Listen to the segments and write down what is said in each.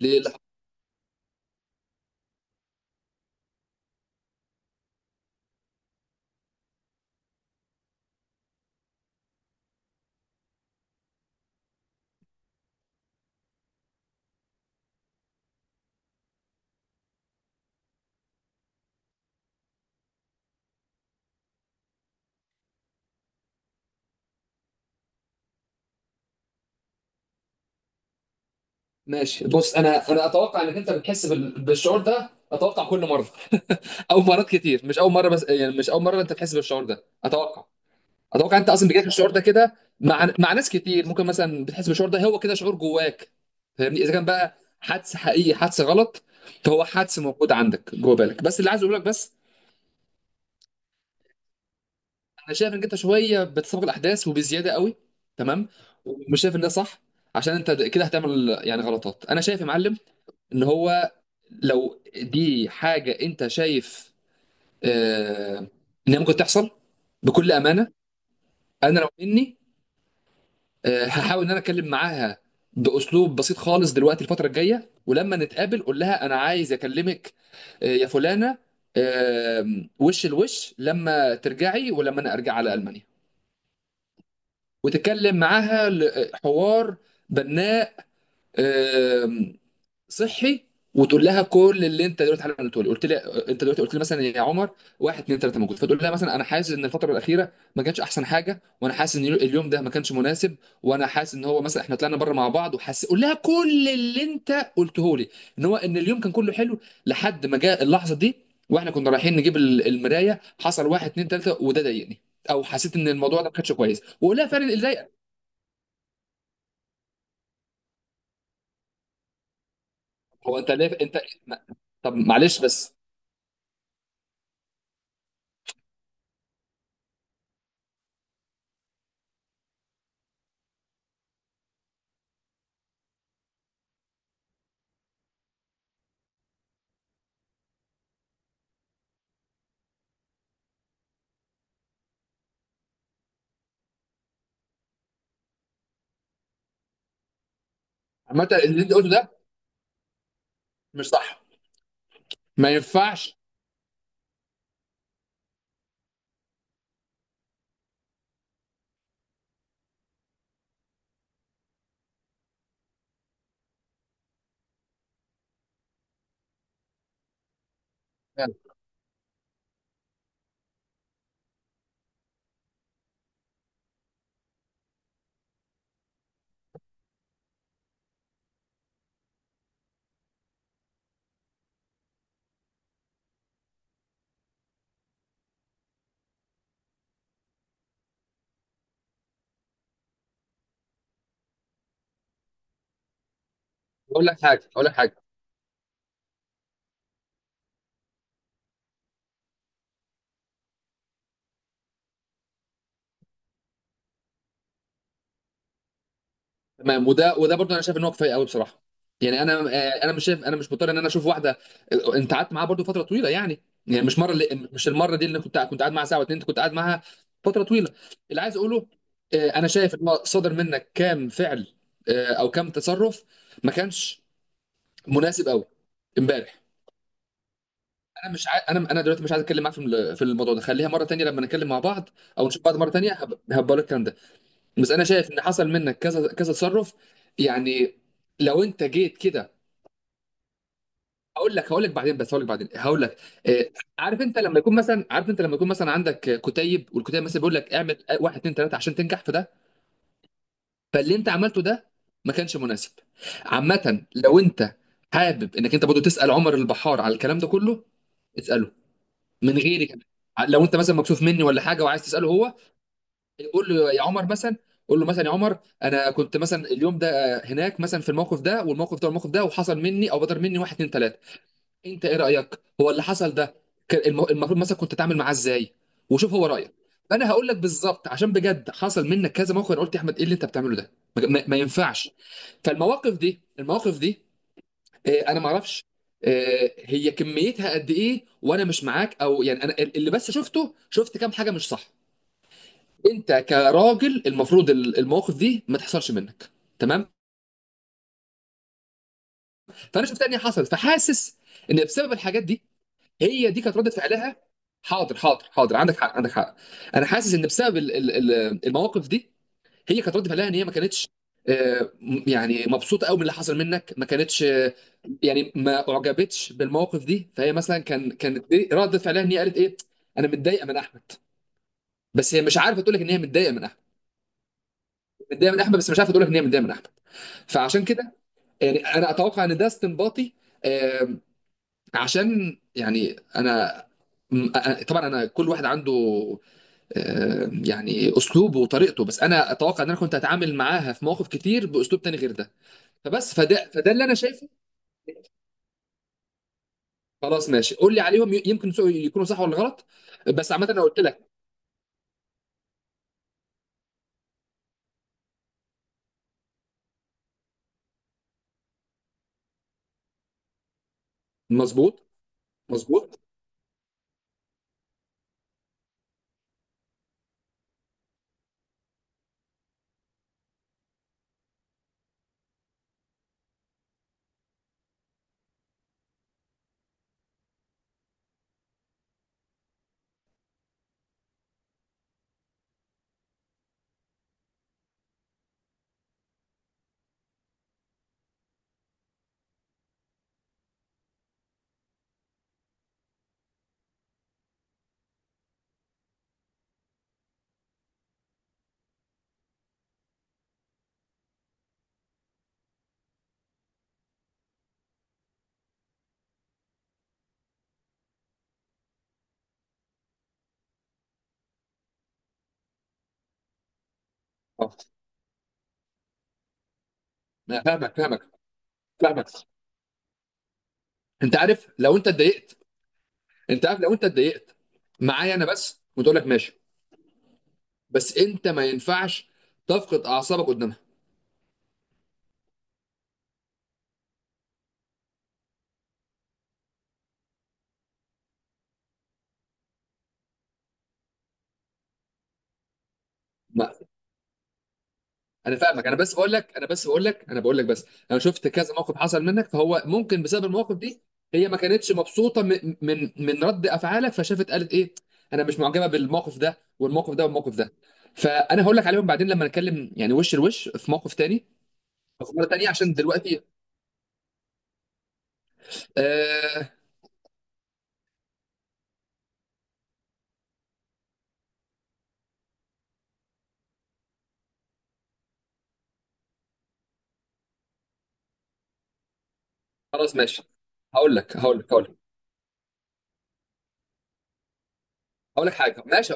ليه لا؟ ماشي، بص، انا اتوقع انك انت بتحس بالشعور ده، اتوقع كل مره او مرات كتير، مش اول مره، بس يعني مش اول مره انت بتحس بالشعور ده، اتوقع. اتوقع انت اصلا بيجيلك الشعور ده كده مع ناس كتير، ممكن مثلا بتحس بالشعور ده، هو كده شعور جواك، فاهمني؟ اذا كان بقى حدس حقيقي حدس غلط، فهو حدس موجود عندك جوه بالك. بس اللي عايز اقول لك: بس انا شايف انك انت شويه بتسابق الاحداث وبزياده قوي، تمام؟ ومش شايف ان ده صح، عشان انت كده هتعمل يعني غلطات، انا شايف يا معلم. ان هو لو دي حاجه انت شايف آه، ان هي ممكن تحصل، بكل امانه، انا لو مني هحاول ان انا اتكلم معاها باسلوب بسيط خالص دلوقتي الفتره الجايه، ولما نتقابل قول لها انا عايز اكلمك يا فلانه، آه، وش الوش، لما ترجعي ولما انا ارجع على المانيا، وتتكلم معاها حوار بناء، آه، صحي، وتقول لها كل اللي انت دلوقتي حالا قلته لي. قلت لي انت دلوقتي قلت لي مثلا يا عمر واحد اتنين تلاته موجود، فتقول لها مثلا انا حاسس ان الفتره الاخيره ما كانتش احسن حاجه، وانا حاسس ان اليوم ده ما كانش مناسب، وانا حاسس ان هو مثلا احنا طلعنا بره مع بعض، وحاسس، قول لها كل اللي انت قلته لي، ان هو ان اليوم كان كله حلو لحد ما جاء اللحظه دي، واحنا كنا رايحين نجيب المرايه حصل واحد اتنين تلاته، وده ضايقني، او حسيت ان الموضوع ده ما كانش كويس، وقول لها فعلا اللي ضايقك. هو انت ليه انت ما- طب معلش بس. عامه اللي انت قلته ده مش صح، ما ينفعش. اقول لك حاجه. تمام. وده برضه انا شايف ان هو كفايه قوي بصراحه، يعني انا انا مش شايف، انا مش مضطر ان انا اشوف واحده. انت قعدت معاها برضه فتره طويله يعني، يعني مش مره، اللي مش المره دي اللي كنت قاعد معاها ساعه واتنين، انت كنت قاعد معاها فتره طويله. اللي عايز اقوله: انا شايف ان هو صدر منك كام فعل، او كام تصرف ما كانش مناسب قوي امبارح. انا دلوقتي مش عايز اتكلم معاك في في الموضوع ده، خليها مره تانية لما نتكلم مع بعض او نشوف بعض مره تانية، هبقى لك الكلام ده، بس انا شايف ان حصل منك كذا كذا تصرف، يعني لو انت جيت كده هقول لك بعدين، بس هقول لك بعدين هقول لك. آه، عارف انت لما يكون مثلا، عارف انت لما يكون مثلا عندك كتيب، والكتيب مثلا بيقول لك اعمل واحد اتنين تلاته عشان تنجح في ده، فاللي انت عملته ده ما كانش مناسب. عامه لو انت حابب انك انت برضه تسال عمر البحار على الكلام ده كله، اساله من غيري كمان، لو انت مثلا مكسوف مني ولا حاجه وعايز تساله هو، قول له يا عمر مثلا، قول له مثلا يا عمر انا كنت مثلا اليوم ده هناك مثلا في الموقف ده والموقف ده والموقف ده، وحصل مني او بدر مني واحد اتنين تلاته، انت ايه رايك هو اللي حصل ده كان المفروض مثلا كنت تعمل معاه ازاي، وشوف هو رايك. فانا هقول لك بالظبط، عشان بجد حصل منك كذا موقف انا قلت يا احمد ايه اللي انت بتعمله ده، ما ينفعش. فالمواقف دي المواقف دي انا ما اعرفش هي كميتها قد ايه وانا مش معاك، او يعني انا اللي بس شفته شفت كام حاجه، مش صح. انت كراجل المفروض المواقف دي ما تحصلش منك، تمام؟ فانا شفتها ان هي حصلت، فحاسس ان بسبب الحاجات دي هي دي كانت رده فعلها. حاضر حاضر حاضر، عندك حق عندك حق. انا حاسس ان بسبب المواقف دي هي كانت رده فعلها ان هي ما كانتش يعني مبسوطه قوي من اللي حصل منك، ما كانتش، يعني ما اعجبتش بالمواقف دي، فهي مثلا كانت دي رده فعلها، ان هي قالت ايه؟ انا متضايقه من احمد. بس هي مش عارفه تقول لك ان هي متضايقه من احمد. متضايقه من احمد بس مش عارفه تقول لك ان هي متضايقه من احمد. فعشان كده يعني انا اتوقع ان ده استنباطي آم، عشان يعني انا طبعا انا كل واحد عنده يعني اسلوبه وطريقته، بس انا اتوقع ان انا كنت هتعامل معاها في مواقف كتير باسلوب تاني غير ده، فبس فده اللي انا شايفه. خلاص ماشي، قول لي عليهم، يمكن يكونوا صح ولا غلط. بس عامه انا قلت لك. مظبوط، مظبوط. اه، أنا فاهمك، فاهمك، فاهمك. انت عارف لو انت اتضايقت، انت عارف لو انت اتضايقت معايا انا بس وتقول لك ماشي، بس انت ما ينفعش تفقد اعصابك قدامها. ما. انا فاهمك، انا بس بقول لك، انا بس بقول لك، انا بقول لك بس انا شفت كذا موقف حصل منك، فهو ممكن بسبب المواقف دي، هي ما كانتش مبسوطه من رد افعالك، فشافت قالت ايه؟ انا مش معجبه بالموقف ده والموقف ده والموقف ده. فانا هقول لك عليهم بعدين لما نتكلم يعني وش لوش في موقف تاني، أو في مره تانيه، عشان دلوقتي آه خلاص ماشي. هقول لك. هقول لك حاجه ماشي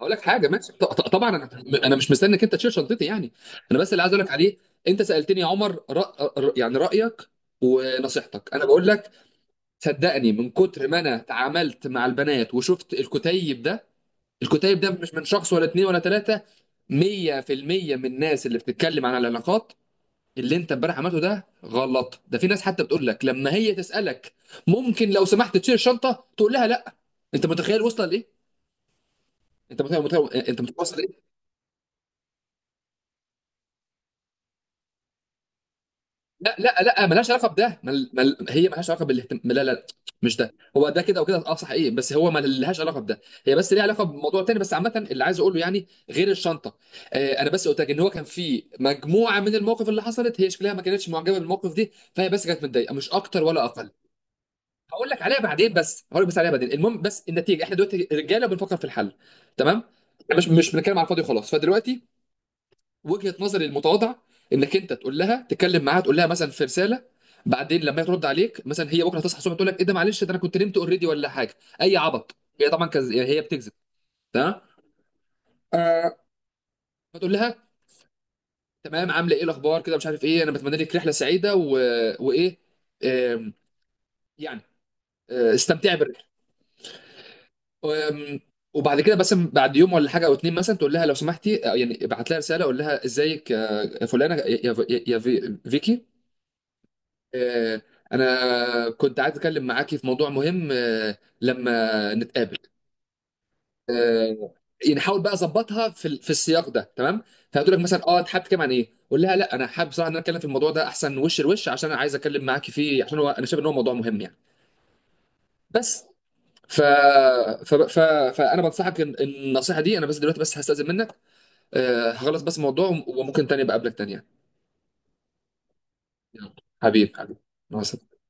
هقول لك حاجه ماشي. طبعا انا، انا مش مستنيك انت تشيل شنطتي يعني، انا بس اللي عايز اقول لك عليه، انت سالتني يا عمر يعني رايك ونصيحتك، انا بقول لك صدقني من كتر ما انا تعاملت مع البنات وشفت الكتيب ده. الكتيب ده مش من شخص ولا اتنين ولا تلاته، 100% من الناس اللي بتتكلم عن العلاقات اللي انت امبارح عملته ده غلط. ده في ناس حتى بتقول لك لما هي تسالك ممكن لو سمحت تشيل الشنطه تقول لها لا. انت متخيل وصل لايه؟ انت متوصل ايه؟ لا لا لا، ملهاش علاقه بده، هي ملهاش علاقه بالاهتمام، لا لا، مش ده، هو ده كده وكده، اه صحيح، بس هو ملهاش علاقه بده، هي بس ليها علاقه بموضوع تاني. بس عامه اللي عايز اقوله يعني غير الشنطه، انا بس قلت لك ان هو كان في مجموعه من المواقف اللي حصلت، هي شكلها ما كانتش معجبه بالموقف دي، فهي بس كانت متضايقه مش اكتر ولا اقل. هقول لك عليها بعدين، بس هقول لك بس عليها بعدين. المهم بس النتيجه احنا دلوقتي رجاله بنفكر في الحل، تمام؟ مش بنتكلم على الفاضي وخلاص. فدلوقتي، وجهة نظري المتواضعة، انك انت تقول لها، تكلم معاها، تقول لها مثلا في رسالة. بعدين لما هي ترد عليك مثلا هي بكره تصحى الصبح تقول لك ايه ده، معلش ده انا كنت نمت اوريدي ولا حاجة، اي عبط، هي طبعا يعني هي بتكذب، تمام. آه. فتقول لها تمام، عامله ايه، الاخبار كده، مش عارف ايه، انا بتمنى لك رحلة سعيدة وايه، آم، يعني استمتعي بالرحلة. آم، وبعد كده بس بعد يوم ولا حاجه او اتنين مثلا تقول لها لو سمحتي، يعني ابعت لها رساله، قول لها ازيك يا فلانه، يا فيكي، آه، أنا كنت عايز أتكلم معاكي في موضوع مهم، لما نتقابل، آه، يعني حاول بقى أظبطها في السياق ده، تمام. فهتقول لك مثلا أه أنت حابب تتكلم عن إيه؟ قول لها لا، أنا حابب بصراحة إن أنا أتكلم في الموضوع ده أحسن وش لوش، عشان أنا عايز أتكلم معاكي فيه، عشان هو أنا شايف إن هو موضوع مهم يعني. بس ف... ف... ف... فأنا بنصحك إن النصيحة دي، أنا بس دلوقتي بس هستأذن منك، هخلص بس الموضوع، وممكن تاني بقابلك تاني يعني. يلا. حبيب حبيب. مع السلامة.